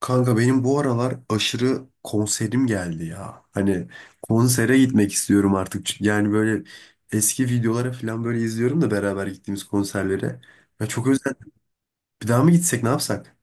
Kanka benim bu aralar aşırı konserim geldi ya. Hani konsere gitmek istiyorum artık. Yani böyle eski videolara falan böyle izliyorum da beraber gittiğimiz konserlere. Ya çok özledim. Bir daha mı gitsek ne yapsak?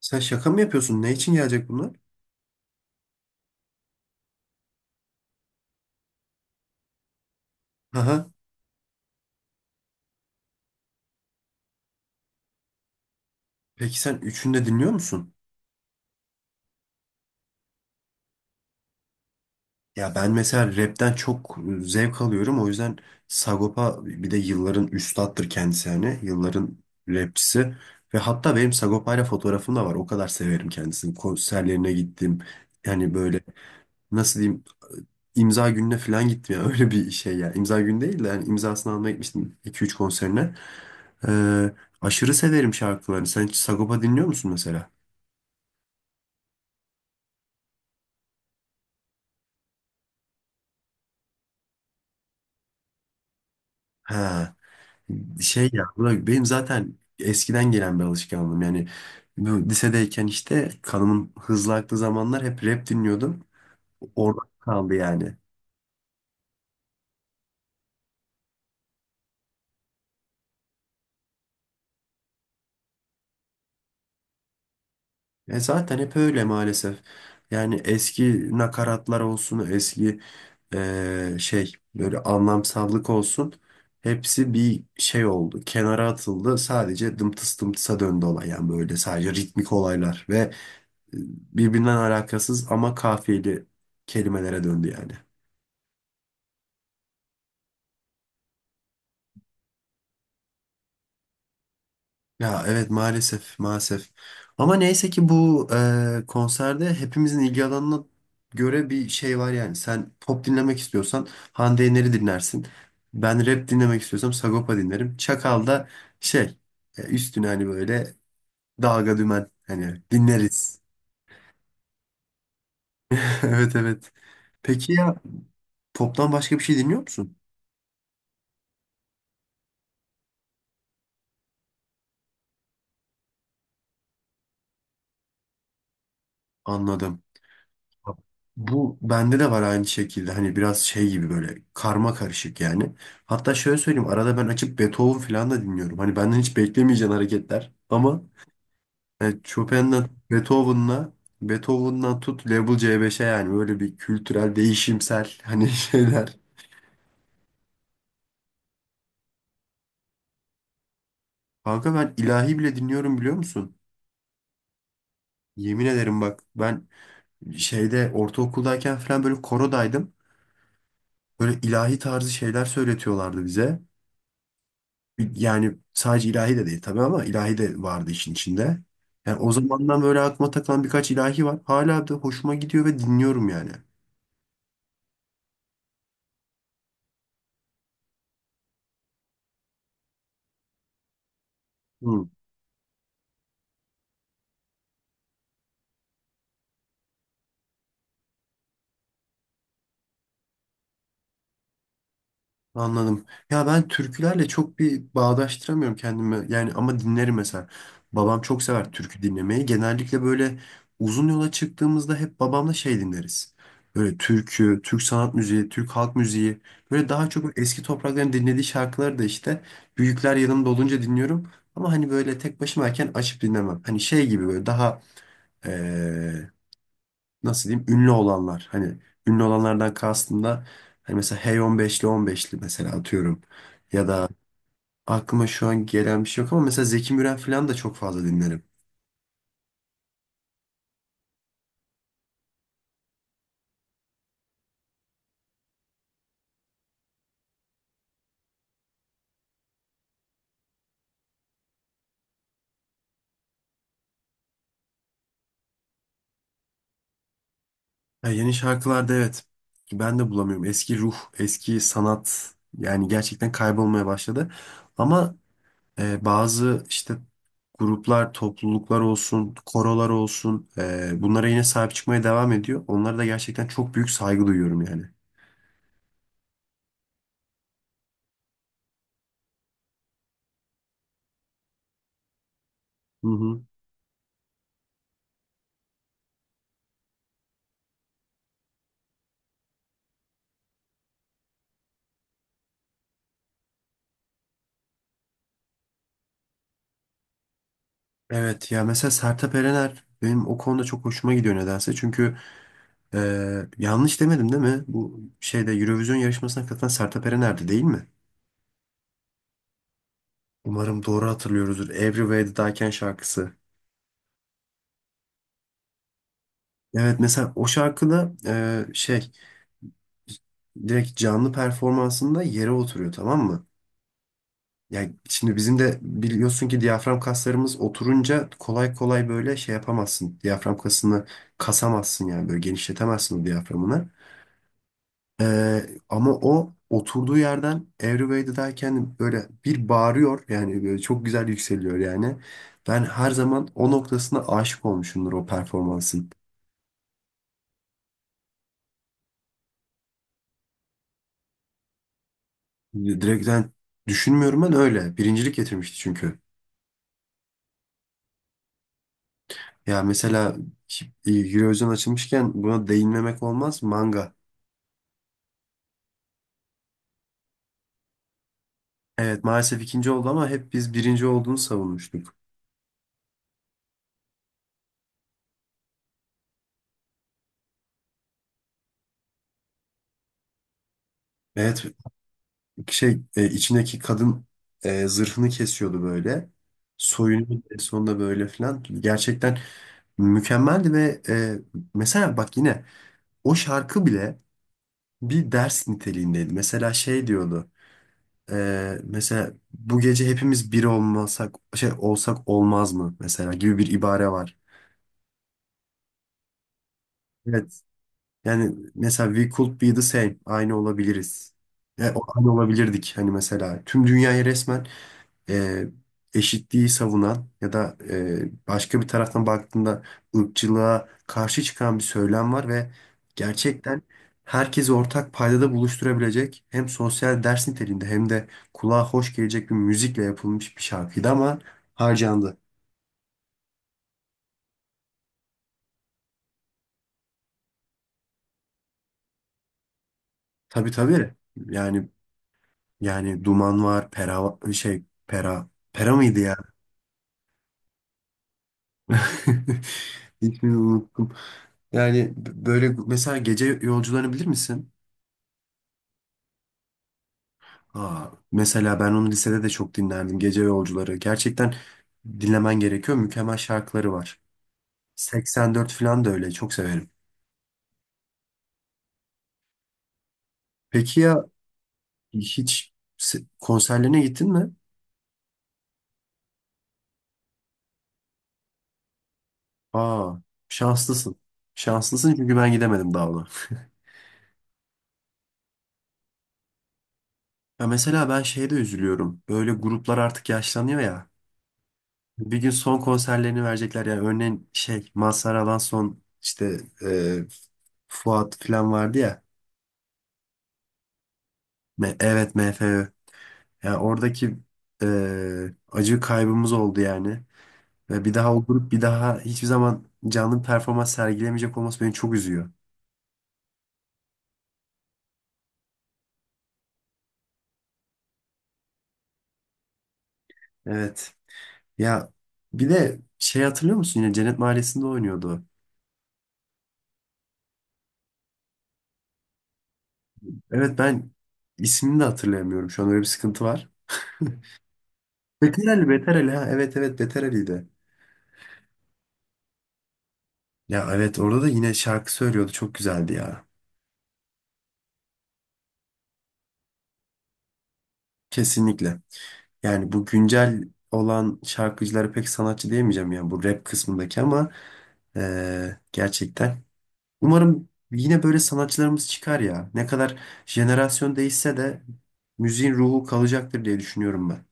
Sen şaka mı yapıyorsun? Ne için gelecek bunlar? Aha. Peki sen üçünü de dinliyor musun? Ya ben mesela rapten çok zevk alıyorum. O yüzden Sagopa bir de yılların üstattır kendisi hani. Yılların rapçisi. Ve hatta benim Sagopa'yla fotoğrafım da var. O kadar severim kendisini. Konserlerine gittim. Yani böyle nasıl diyeyim imza gününe falan gittim. Ya öyle bir şey yani. İmza günü değil de yani imzasını almaya gitmiştim 2-3 konserine. Ee, aşırı severim şarkılarını. Sen hiç Sagopa dinliyor musun mesela? He. Şey ya bırak, benim zaten eskiden gelen bir alışkanlığım yani bu lisedeyken işte kanımın hızlı aktığı zamanlar hep rap dinliyordum. Orada kaldı yani. E zaten hep öyle maalesef. Yani eski nakaratlar olsun, eski şey böyle anlamsallık olsun. Hepsi bir şey oldu. Kenara atıldı. Sadece dımtıs dımtısa döndü olay yani böyle sadece ritmik olaylar ve e, birbirinden alakasız ama kafiyeli kelimelere döndü yani. Ya evet maalesef maalesef. Ama neyse ki bu konserde hepimizin ilgi alanına göre bir şey var yani. Sen pop dinlemek istiyorsan Hande Yener'i dinlersin. Ben rap dinlemek istiyorsam Sagopa dinlerim. Çakal da şey üstüne hani böyle dalga dümen hani dinleriz. Evet, evet. Peki ya poptan başka bir şey dinliyor musun? Anladım. Bu bende de var aynı şekilde hani biraz şey gibi böyle karma karışık yani. Hatta şöyle söyleyeyim arada ben açıp Beethoven falan da dinliyorum. Hani benden hiç beklemeyeceğin hareketler ama yani Chopin'den Beethoven'la Beethoven'dan tut Level C5'e yani böyle bir kültürel değişimsel hani şeyler. Kanka ben ilahi bile dinliyorum biliyor musun? Yemin ederim bak ben şeyde ortaokuldayken falan böyle korodaydım. Böyle ilahi tarzı şeyler söyletiyorlardı bize. Yani sadece ilahi de değil tabii ama ilahi de vardı işin içinde. Yani o zamandan böyle aklıma takılan birkaç ilahi var. Hala da hoşuma gidiyor ve dinliyorum yani. Hı. Anladım. Ya ben türkülerle çok bir bağdaştıramıyorum kendimi. Yani ama dinlerim mesela. Babam çok sever türkü dinlemeyi. Genellikle böyle uzun yola çıktığımızda hep babamla şey dinleriz. Böyle türkü, Türk sanat müziği, Türk halk müziği. Böyle daha çok eski toprakların dinlediği şarkıları da işte büyükler yanımda olunca dinliyorum. Ama hani böyle tek başımayken açıp dinlemem. Hani şey gibi böyle daha nasıl diyeyim ünlü olanlar. Hani ünlü olanlardan kastım da hani mesela Hey 15'li 15'li mesela atıyorum. Ya da aklıma şu an gelen bir şey yok ama mesela Zeki Müren falan da çok fazla dinlerim. Ya yeni şarkılarda evet ben de bulamıyorum. Eski ruh, eski sanat yani gerçekten kaybolmaya başladı. Ama bazı işte gruplar, topluluklar olsun, korolar olsun bunlara yine sahip çıkmaya devam ediyor. Onlara da gerçekten çok büyük saygı duyuyorum yani. Hı hı. Evet ya mesela Sertab Erener benim o konuda çok hoşuma gidiyor nedense. Çünkü yanlış demedim değil mi? Bu şeyde Eurovision yarışmasına katılan Sertab Erener'di değil mi? Umarım doğru hatırlıyoruzdur. Every Way That I Can şarkısı. Evet mesela o şarkıda şey direkt canlı performansında yere oturuyor tamam mı? Yani şimdi bizim de biliyorsun ki diyafram kaslarımız oturunca kolay kolay böyle şey yapamazsın. Diyafram kasını kasamazsın yani böyle genişletemezsin o diyaframını. Ama o oturduğu yerden Everyway'dayken böyle bir bağırıyor yani böyle çok güzel yükseliyor yani. Ben her zaman o noktasına aşık olmuşumdur o performansın. Direkt ben düşünmüyorum ben öyle. Birincilik getirmişti çünkü. Ya mesela Eurovision açılmışken buna değinmemek olmaz. Manga. Evet maalesef ikinci oldu ama hep biz birinci olduğunu savunmuştuk. Evet şey içindeki kadın zırhını kesiyordu böyle. Soyunuyordu en sonunda böyle filan. Gerçekten mükemmeldi ve mesela bak yine o şarkı bile bir ders niteliğindeydi. Mesela şey diyordu. Mesela bu gece hepimiz bir olmasak şey olsak olmaz mı mesela gibi bir ibare var. Evet. Yani mesela we could be the same. Aynı olabiliriz. Yani aynı olabilirdik hani mesela. Tüm dünyayı resmen e, eşitliği savunan ya da başka bir taraftan baktığında ırkçılığa karşı çıkan bir söylem var ve gerçekten herkesi ortak paydada buluşturabilecek hem sosyal ders niteliğinde hem de kulağa hoş gelecek bir müzikle yapılmış bir şarkıydı ama harcandı. Tabii, tabii. Yani yani Duman var, Pera mıydı ya? İsmini unuttum. Yani böyle mesela gece yolcularını bilir misin? Aa, mesela ben onu lisede de çok dinlerdim. Gece Yolcuları. Gerçekten dinlemen gerekiyor. Mükemmel şarkıları var. 84 falan da öyle. Çok severim. Peki ya hiç konserlerine gittin mi? Aa, şanslısın. Şanslısın çünkü ben gidemedim daha ona. Ya mesela ben şeye de üzülüyorum. Böyle gruplar artık yaşlanıyor ya. Bir gün son konserlerini verecekler. Yani örneğin şey Mazhar Alan son işte e, Fuat falan vardı ya. Evet, MFÖ. Yani oradaki acı kaybımız oldu yani. Ve bir daha o grup bir daha hiçbir zaman canlı bir performans sergilemeyecek olması beni çok üzüyor. Evet. Ya bir de şey hatırlıyor musun yine Cennet Mahallesi'nde oynuyordu. O. Evet ben ismini de hatırlayamıyorum. Şu an öyle bir sıkıntı var. Beter Ali, Beter Ali, ha. Evet, evet, Beter Ali'ydi. Ya evet orada da yine şarkı söylüyordu. Çok güzeldi ya. Kesinlikle. Yani bu güncel olan şarkıcıları pek sanatçı diyemeyeceğim ya bu rap kısmındaki ama gerçekten. Umarım yine böyle sanatçılarımız çıkar ya. Ne kadar jenerasyon değişse de müziğin ruhu kalacaktır diye düşünüyorum ben.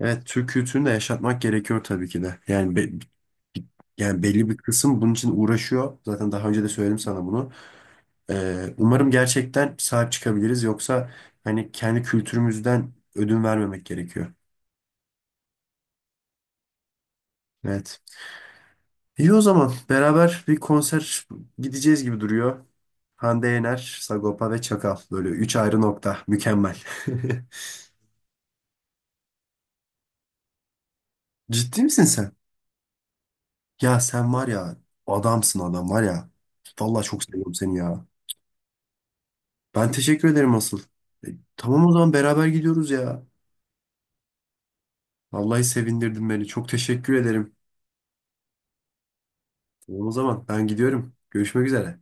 Evet, Türk kültürünü de yaşatmak gerekiyor tabii ki de. Yani belli bir kısım bunun için uğraşıyor. Zaten daha önce de söyledim sana bunu. Umarım gerçekten sahip çıkabiliriz. Yoksa hani kendi kültürümüzden ödün vermemek gerekiyor. Evet. İyi o zaman beraber bir konser gideceğiz gibi duruyor. Hande Yener, Sagopa ve Çakal. Böyle üç ayrı nokta. Mükemmel. Ciddi misin sen? Ya sen var ya adamsın adam var ya. Vallahi çok seviyorum seni ya. Ben teşekkür ederim asıl. E, tamam o zaman beraber gidiyoruz ya. Vallahi sevindirdin beni. Çok teşekkür ederim. Tamam o zaman ben gidiyorum. Görüşmek üzere.